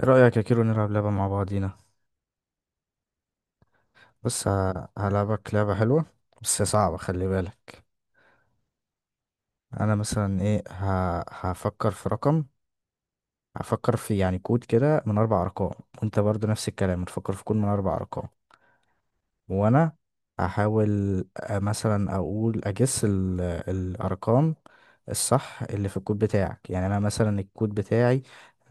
ايه رأيك يا كيرو، نلعب لعبة مع بعضينا؟ بص، هلعبك لعبة حلوة. بس صعبة، خلي بالك. انا مثلا ايه، هفكر في رقم. هفكر في يعني كود كده من اربع ارقام. وانت برضو نفس الكلام هتفكر في كود من اربع ارقام. وانا هحاول مثلا اقول اجس الارقام الصح اللي في الكود بتاعك، يعني انا مثلا الكود بتاعي،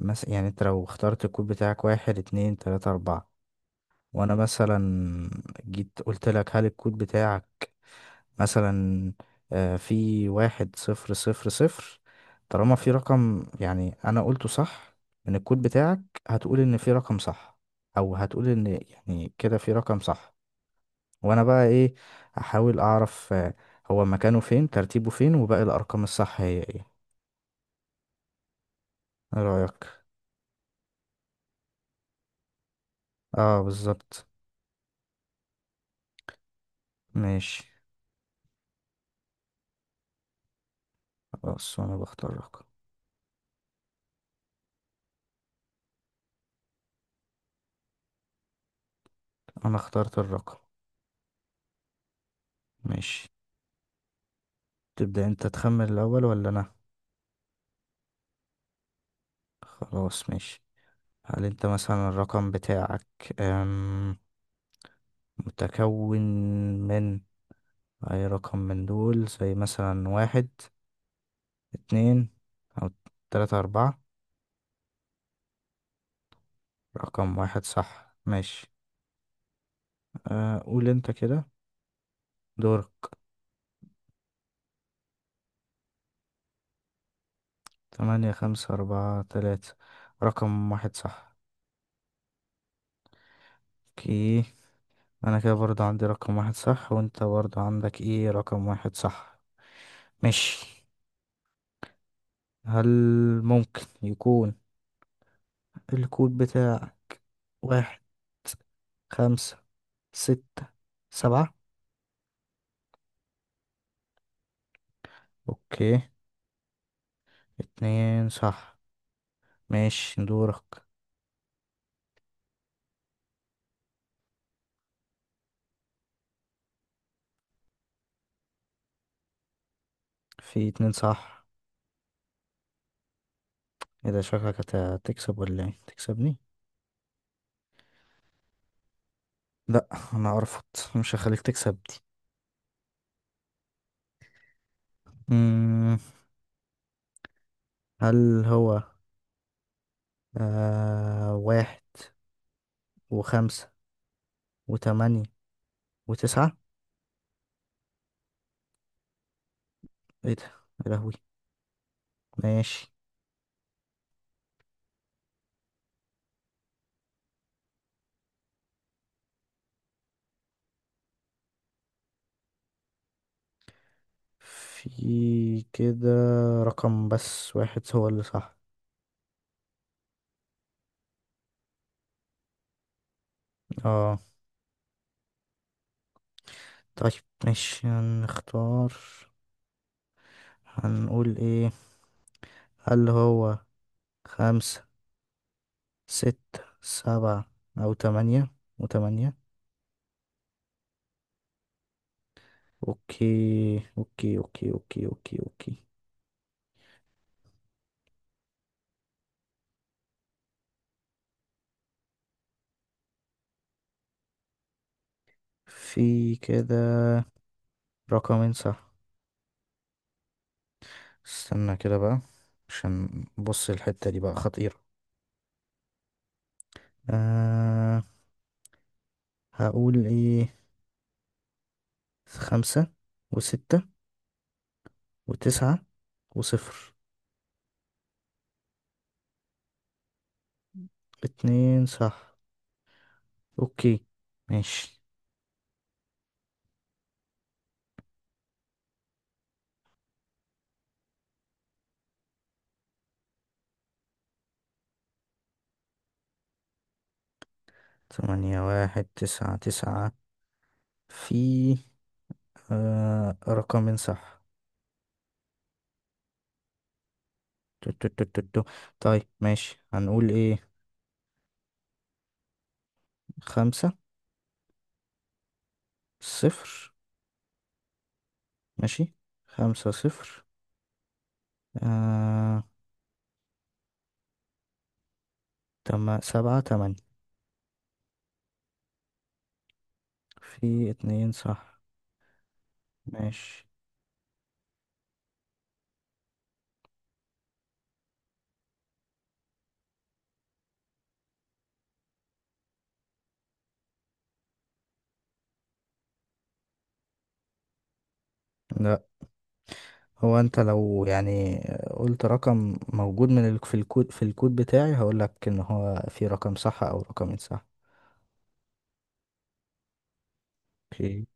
مثلا يعني انت لو اخترت الكود بتاعك واحد اتنين تلاتة اربعة، وانا مثلا جيت قلت لك: هل الكود بتاعك مثلا في واحد صفر صفر صفر؟ طالما في رقم يعني انا قلته صح من الكود بتاعك، هتقول ان في رقم صح، او هتقول ان يعني كده في رقم صح. وانا بقى ايه، احاول اعرف هو مكانه فين، ترتيبه فين، وباقي الارقام الصح هي ايه. ايه رايك؟ اه، بالظبط. ماشي. خلاص، انا بختار رقم. انا اخترت الرقم. ماشي. تبدأ انت تخمن الأول ولا أنا؟ خلاص، ماشي. هل انت مثلا الرقم بتاعك أم، متكون من أي رقم من دول زي مثلا واحد اتنين أو تلاتة أربعة؟ رقم واحد صح. ماشي. أه، قول انت كده. دورك. تمانية خمسة أربعة تلاتة، رقم واحد صح. اوكي. أنا كده برضه عندي رقم واحد صح، وانت برضه عندك ايه، رقم واحد صح. ماشي. هل ممكن يكون الكود بتاعك واحد خمسة ستة سبعة؟ اوكي، اتنين صح. ماشي، دورك. في اتنين صح. ايه ده، شكلك هتكسب ولا ايه، تكسبني؟ لا، انا ارفض، مش هخليك تكسب دي. مم، هل هو واحد وخمسة وتمانية وتسعة؟ ايه ده، يا لهوي. ماشي. في كده رقم بس واحد هو اللي صح. اه. طيب، ماشي. هنختار، هنقول ايه؟ هل هو خمسة ستة سبعة، أو تمانية وتمانية؟ أوكي، أوكي، أوكي، أوكي، أوكي، أوكي. في كده رقمين صح. استنى كده بقى، عشان بص، الحتة دي بقى خطيرة. أه، هقول ايه، خمسة وستة وتسعة وصفر. اتنين صح. اوكي، ماشي. تمانية واحد تسعة تسعة، في رقمين صح. تو- تو- تو- تو- تو. طيب، ماشي. هنقول ايه، خمسة صفر. ماشي، خمسة صفر، آه سبعة تمانية. في اتنين صح. ماشي. لا، هو انت لو يعني قلت رقم موجود في الكود بتاعي، هقولك ان هو في رقم صح او رقمين صح. اوكي.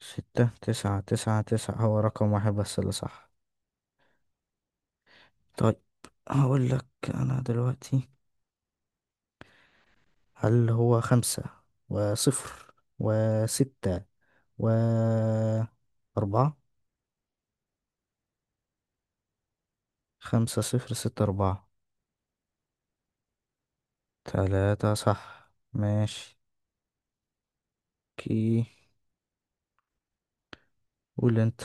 ستة تسعة تسعة تسعة هو رقم واحد بس اللي صح. طيب، هقول لك، أنا دلوقتي هل هو خمسة وصفر وستة و أربعة؟ خمسة صفر ستة أربعة، تلاتة صح. ماشي. كي قول أنت.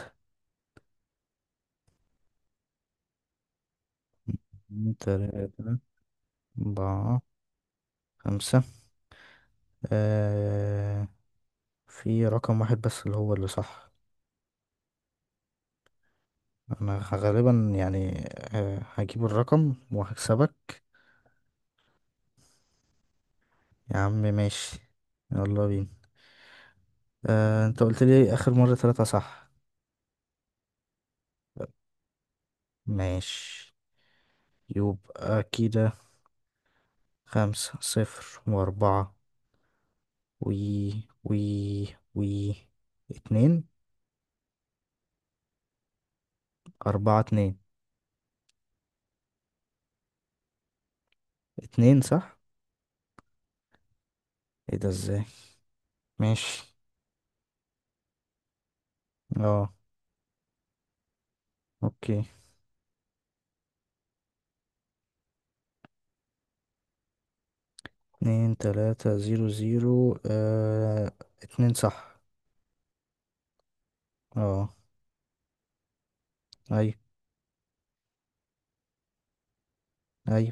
تلاتة أربعة خمسة، آه في رقم واحد بس اللي هو اللي صح. أنا غالبا يعني، هجيب الرقم وهكسبك. يا عم ماشي، يلا بينا. آه، انت قلت لي اخر مرة ثلاثة صح. ماشي، يبقى كده، خمسة صفر واربعة، وي وي وي اتنين. اربعة اتنين. اتنين صح. ايه ده، ازاي؟ ماشي. اه. اوكي. اتنين تلاتة زيرو زيرو، اه، اتنين صح. اه، اي، اي.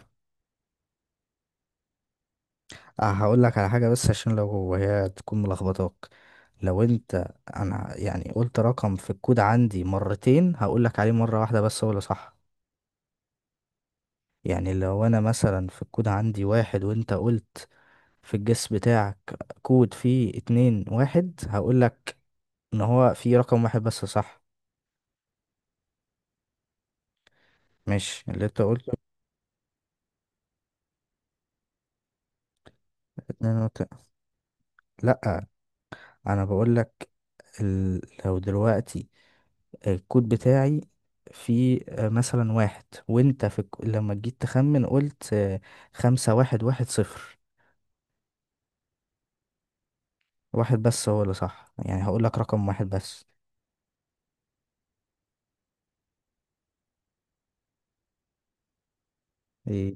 أه، هقول لك على حاجة، بس عشان لو هي تكون ملخبطاك، لو انت. انا يعني قلت رقم في الكود عندي مرتين، هقول لك عليه مرة واحدة بس هو اللي صح. يعني لو انا مثلا في الكود عندي واحد، وانت قلت في الجس بتاعك كود فيه اتنين واحد، هقول لك ان هو فيه رقم واحد بس صح. مش اللي انت قلت. اتنين وت... لا، انا بقول لك ال... لو دلوقتي الكود بتاعي في مثلا واحد، وانت لما جيت تخمن قلت خمسة واحد واحد صفر. واحد بس هو اللي صح، يعني هقول لك رقم واحد بس. ايه؟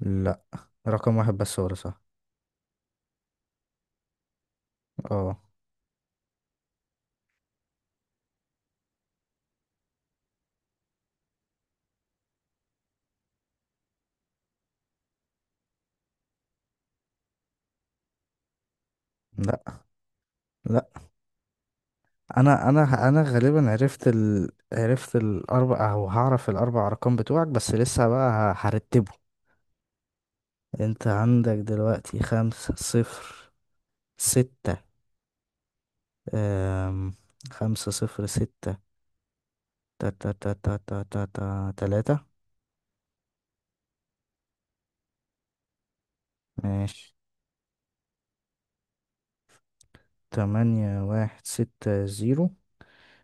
لا، رقم واحد بس هو اللي صح. اه. لا، لا، انا غالبا عرفت عرفت الاربع، او هعرف الاربع ارقام بتوعك، بس لسه بقى هرتبه. انت عندك دلوقتي خمسة صفر ستة، أم... خمسة صفر ستة تا تا تا تا تا تا تا تلاتة. ماشي. تمانية واحد ستة زيرو،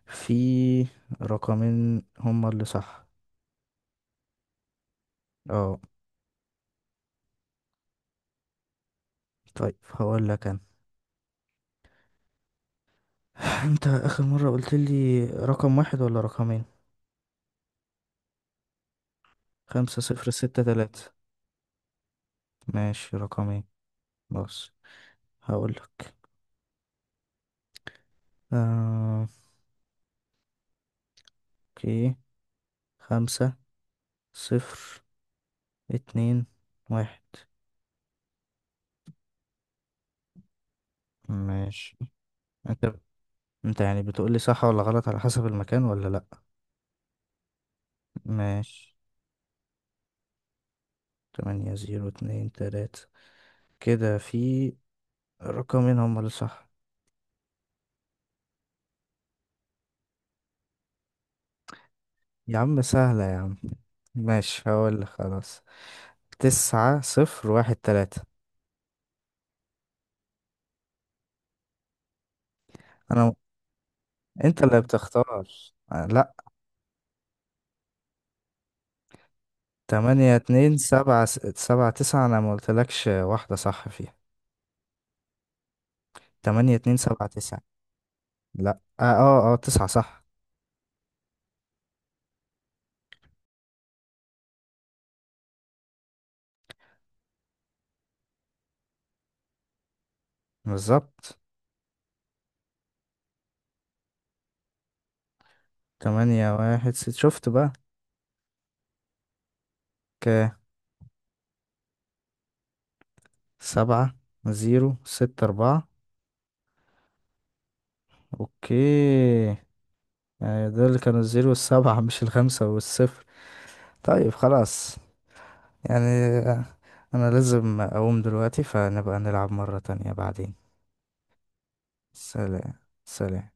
في رقمين هما اللي صح. اه، طيب، هقول لك انا. انت اخر مرة قلت لي رقم واحد ولا رقمين؟ خمسة صفر ستة تلاتة. ماشي، رقمين. بص، هقول لك آه. اوكي. خمسة صفر اتنين واحد. ماشي. انت انت يعني بتقول لي صح ولا غلط على حسب المكان، ولا لا؟ ماشي. تمانية زيرو اتنين تلاتة، كده في رقمين هما اللي صح. يا عم، سهلة يا عم. ماشي، هقول لك خلاص. تسعة صفر واحد تلاتة. أنا أنت اللي بتختار. لأ. تمانية اتنين سبعة سبعة تسعة، أنا ما قلتلكش واحدة صح فيها. تمانية اتنين سبعة تسعة. لأ، تسعة صح. بالظبط. تمانية واحد شفت بقى. ك سبعة زيرو ستة أربعة. أوكي، يعني دول اللي كانوا الزيرو والسبعة، مش الخمسة والصفر. طيب، خلاص، يعني أنا لازم أقوم دلوقتي، فنبقى نلعب مرة تانية بعدين. سلام، سلام.